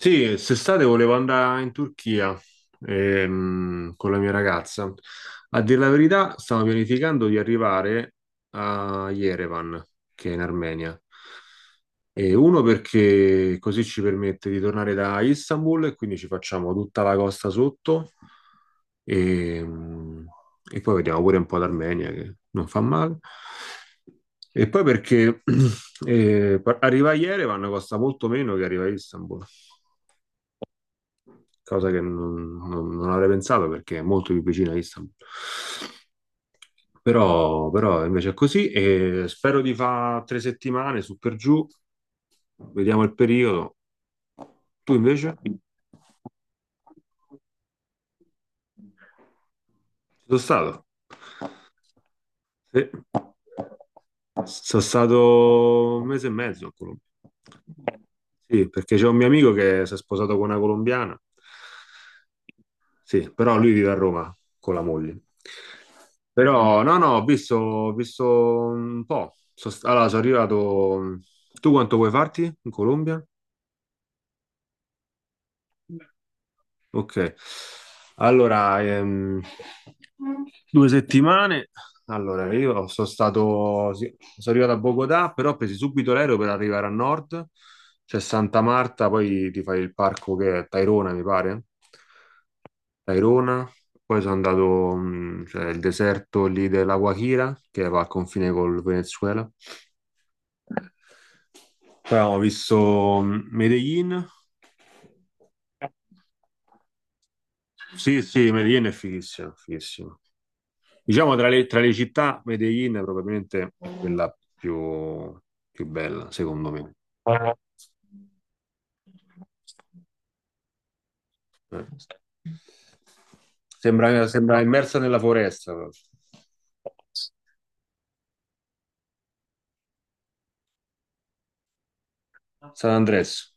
Sì, quest'estate volevo andare in Turchia con la mia ragazza. A dire la verità, stavo pianificando di arrivare a Yerevan, che è in Armenia. E uno perché così ci permette di tornare da Istanbul e quindi ci facciamo tutta la costa sotto e, e poi vediamo pure un po' d'Armenia che non fa male. E poi perché arrivare a Yerevan costa molto meno che arrivare a Istanbul, cosa che non avrei pensato perché è molto più vicina a Istanbul. Però invece è così e spero di fare 3 settimane su per giù, vediamo il periodo. Tu invece? Ci sono stato. Sì. Sono stato un mese e mezzo a Colombia. Sì, perché c'è un mio amico che si è sposato con una colombiana. Sì, però lui vive a Roma con la moglie. Però no, no, ho visto un po'. Allora, sono arrivato. Tu quanto vuoi farti in Colombia? Ok, allora, 2 settimane. Allora, io sono stato, sì, sono arrivato a Bogotà, però ho preso subito l'aereo per arrivare a nord. C'è Santa Marta, poi ti fai il parco che è Tairona, mi pare. Tairona, poi sono andato, cioè, il deserto lì della Guajira, che va al confine col Venezuela. Poi abbiamo visto Medellin, sì, sì, Medellin è fighissima, fighissima. Diciamo tra le città, Medellin è probabilmente quella più bella, secondo me. Eh. Sembra immersa nella foresta, proprio. San Andres,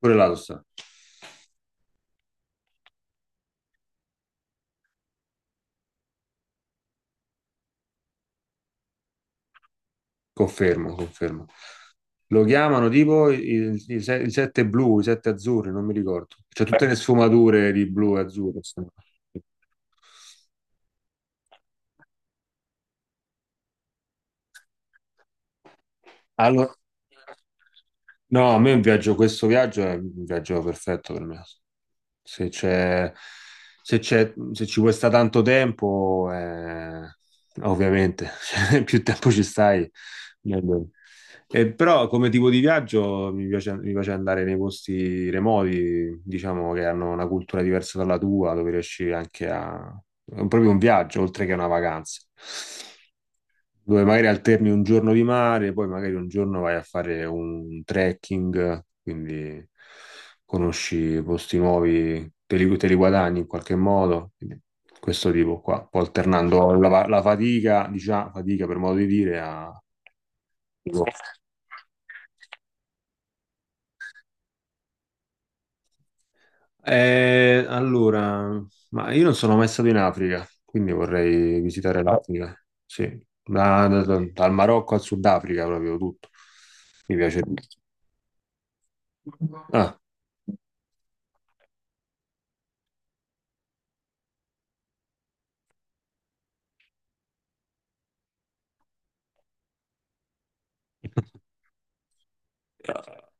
pure là lo sta. Confermo, confermo. Lo chiamano tipo i, i- i se- i sette blu, i sette azzurri, non mi ricordo. C'è tutte le sfumature di blu e azzurro, insomma. Allora, no, a me un viaggio, questo viaggio è un viaggio perfetto per me. Se c'è, se ci vuoi sta tanto tempo, ovviamente, cioè, più tempo ci stai, meglio. Però come tipo di viaggio mi piace andare nei posti remoti, diciamo che hanno una cultura diversa dalla tua, dove riesci anche a... È proprio un viaggio, oltre che una vacanza, dove magari alterni un giorno di mare, poi magari un giorno vai a fare un trekking, quindi conosci posti nuovi, te li guadagni in qualche modo, quindi questo tipo qua, un po' alternando la fatica, diciamo, fatica per modo di dire, a... allora, ma io non sono mai stato in Africa, quindi vorrei visitare l'Africa, sì, dal Marocco al Sudafrica proprio tutto, mi piace. Ah. Ah,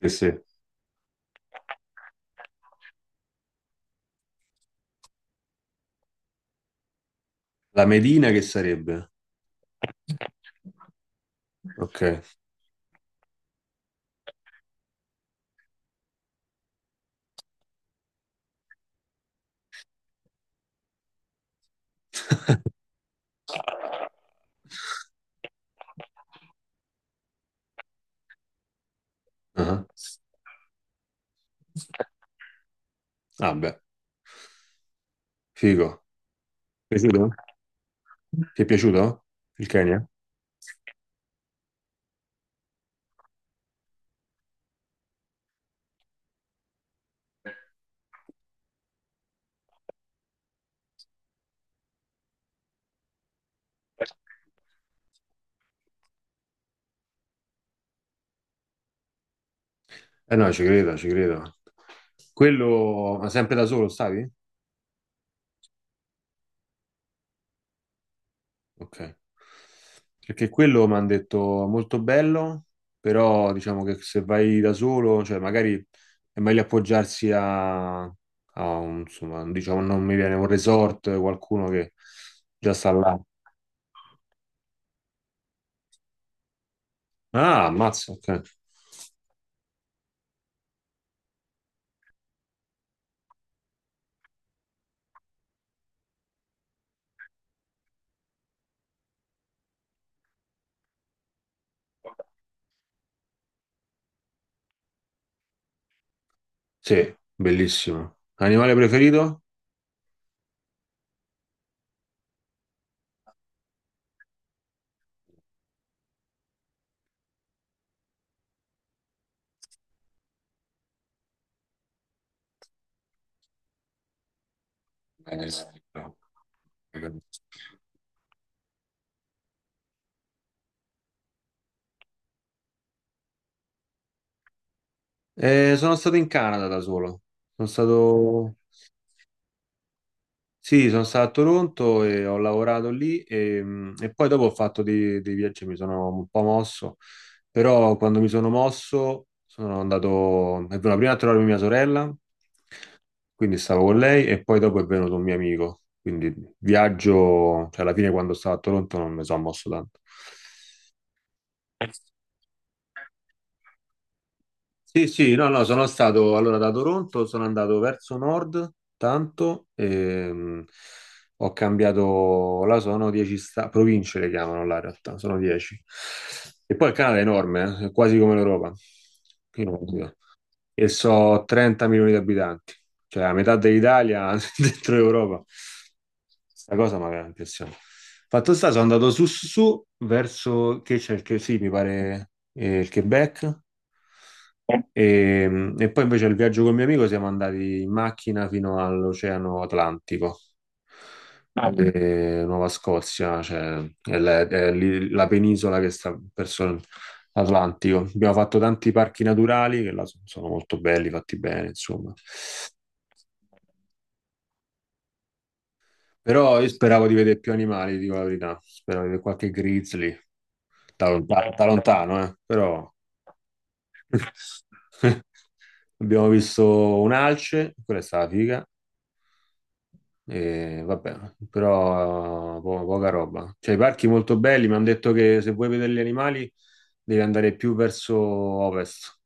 sì, sì. La Medina che sarebbe? Ok. Ah, ah, beh, figo. Piaciuto? Ti è piaciuto il Kenya? Eh no, ci credo, ci credo. Quello, ma sempre da solo stavi? Ok. Perché quello mi hanno detto molto bello, però diciamo che se vai da solo, cioè magari è meglio appoggiarsi a un, insomma, diciamo non mi viene un resort, qualcuno che già sta là. Ah, ammazza, ok. Sì, bellissimo. Animale preferito? Sì. Sono stato in Canada da solo. Sono stato... Sì, sono stato a Toronto e ho lavorato lì e poi dopo ho fatto dei viaggi, e mi sono un po' mosso, però quando mi sono mosso sono andato... È venuta prima a trovarmi mia sorella. Quindi stavo con lei e poi dopo è venuto un mio amico. Quindi viaggio, cioè alla fine quando stavo a Toronto non mi sono mosso tanto. Sì, sì, no, no, sono stato allora da Toronto, sono andato verso nord tanto, ho cambiato, là sono 10 province le chiamano là in realtà, sono 10. E poi il Canada è enorme, è quasi come l'Europa. E so 30 milioni di abitanti, cioè la metà dell'Italia dentro l'Europa. Sta cosa mi aveva impressionato. Fatto sta, sono andato su su, su, verso che c'è il che sì, mi pare il Quebec. E poi invece il viaggio col mio amico siamo andati in macchina fino all'Oceano Atlantico, Nuova Scozia, cioè è lì la penisola che sta verso l'Atlantico. Abbiamo fatto tanti parchi naturali che là sono molto belli, fatti bene, insomma. Però io speravo di vedere più animali, dico la verità. Speravo di vedere qualche grizzly, da lontano, però... Abbiamo visto un alce, quella è stata figa. E vabbè, però poca roba. Cioè, i parchi molto belli, mi hanno detto che se vuoi vedere gli animali devi andare più verso ovest,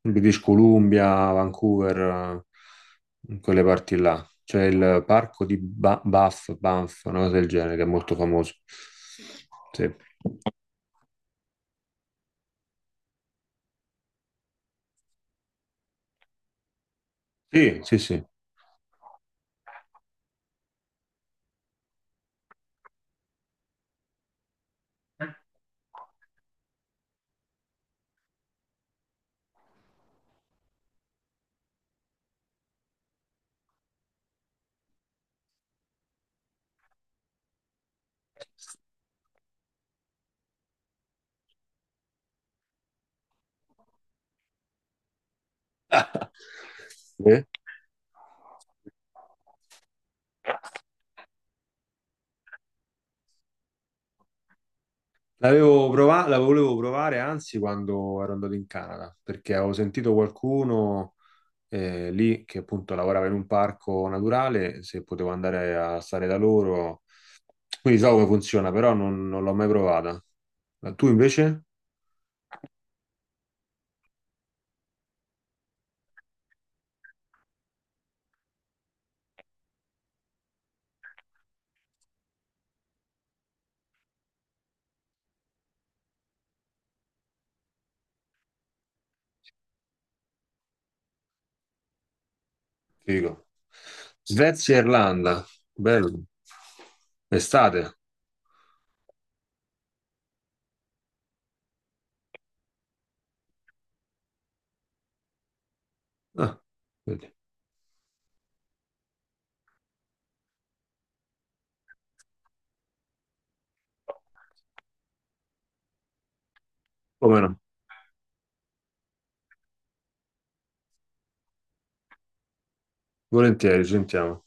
British Columbia, Vancouver, in quelle parti là. C'è il parco di Banff, una cosa del genere, che è molto famoso. Sì, sì, sì. Sì. Eh? La volevo provare, anzi, quando ero andato in Canada, perché avevo sentito qualcuno lì che appunto lavorava in un parco naturale, se potevo andare a stare da loro. Quindi so come funziona, però non l'ho mai provata. Ma tu invece? Figo. Svezia e Irlanda, bello. Estate. Ah, vedi. Come no? Volentieri, ci sentiamo.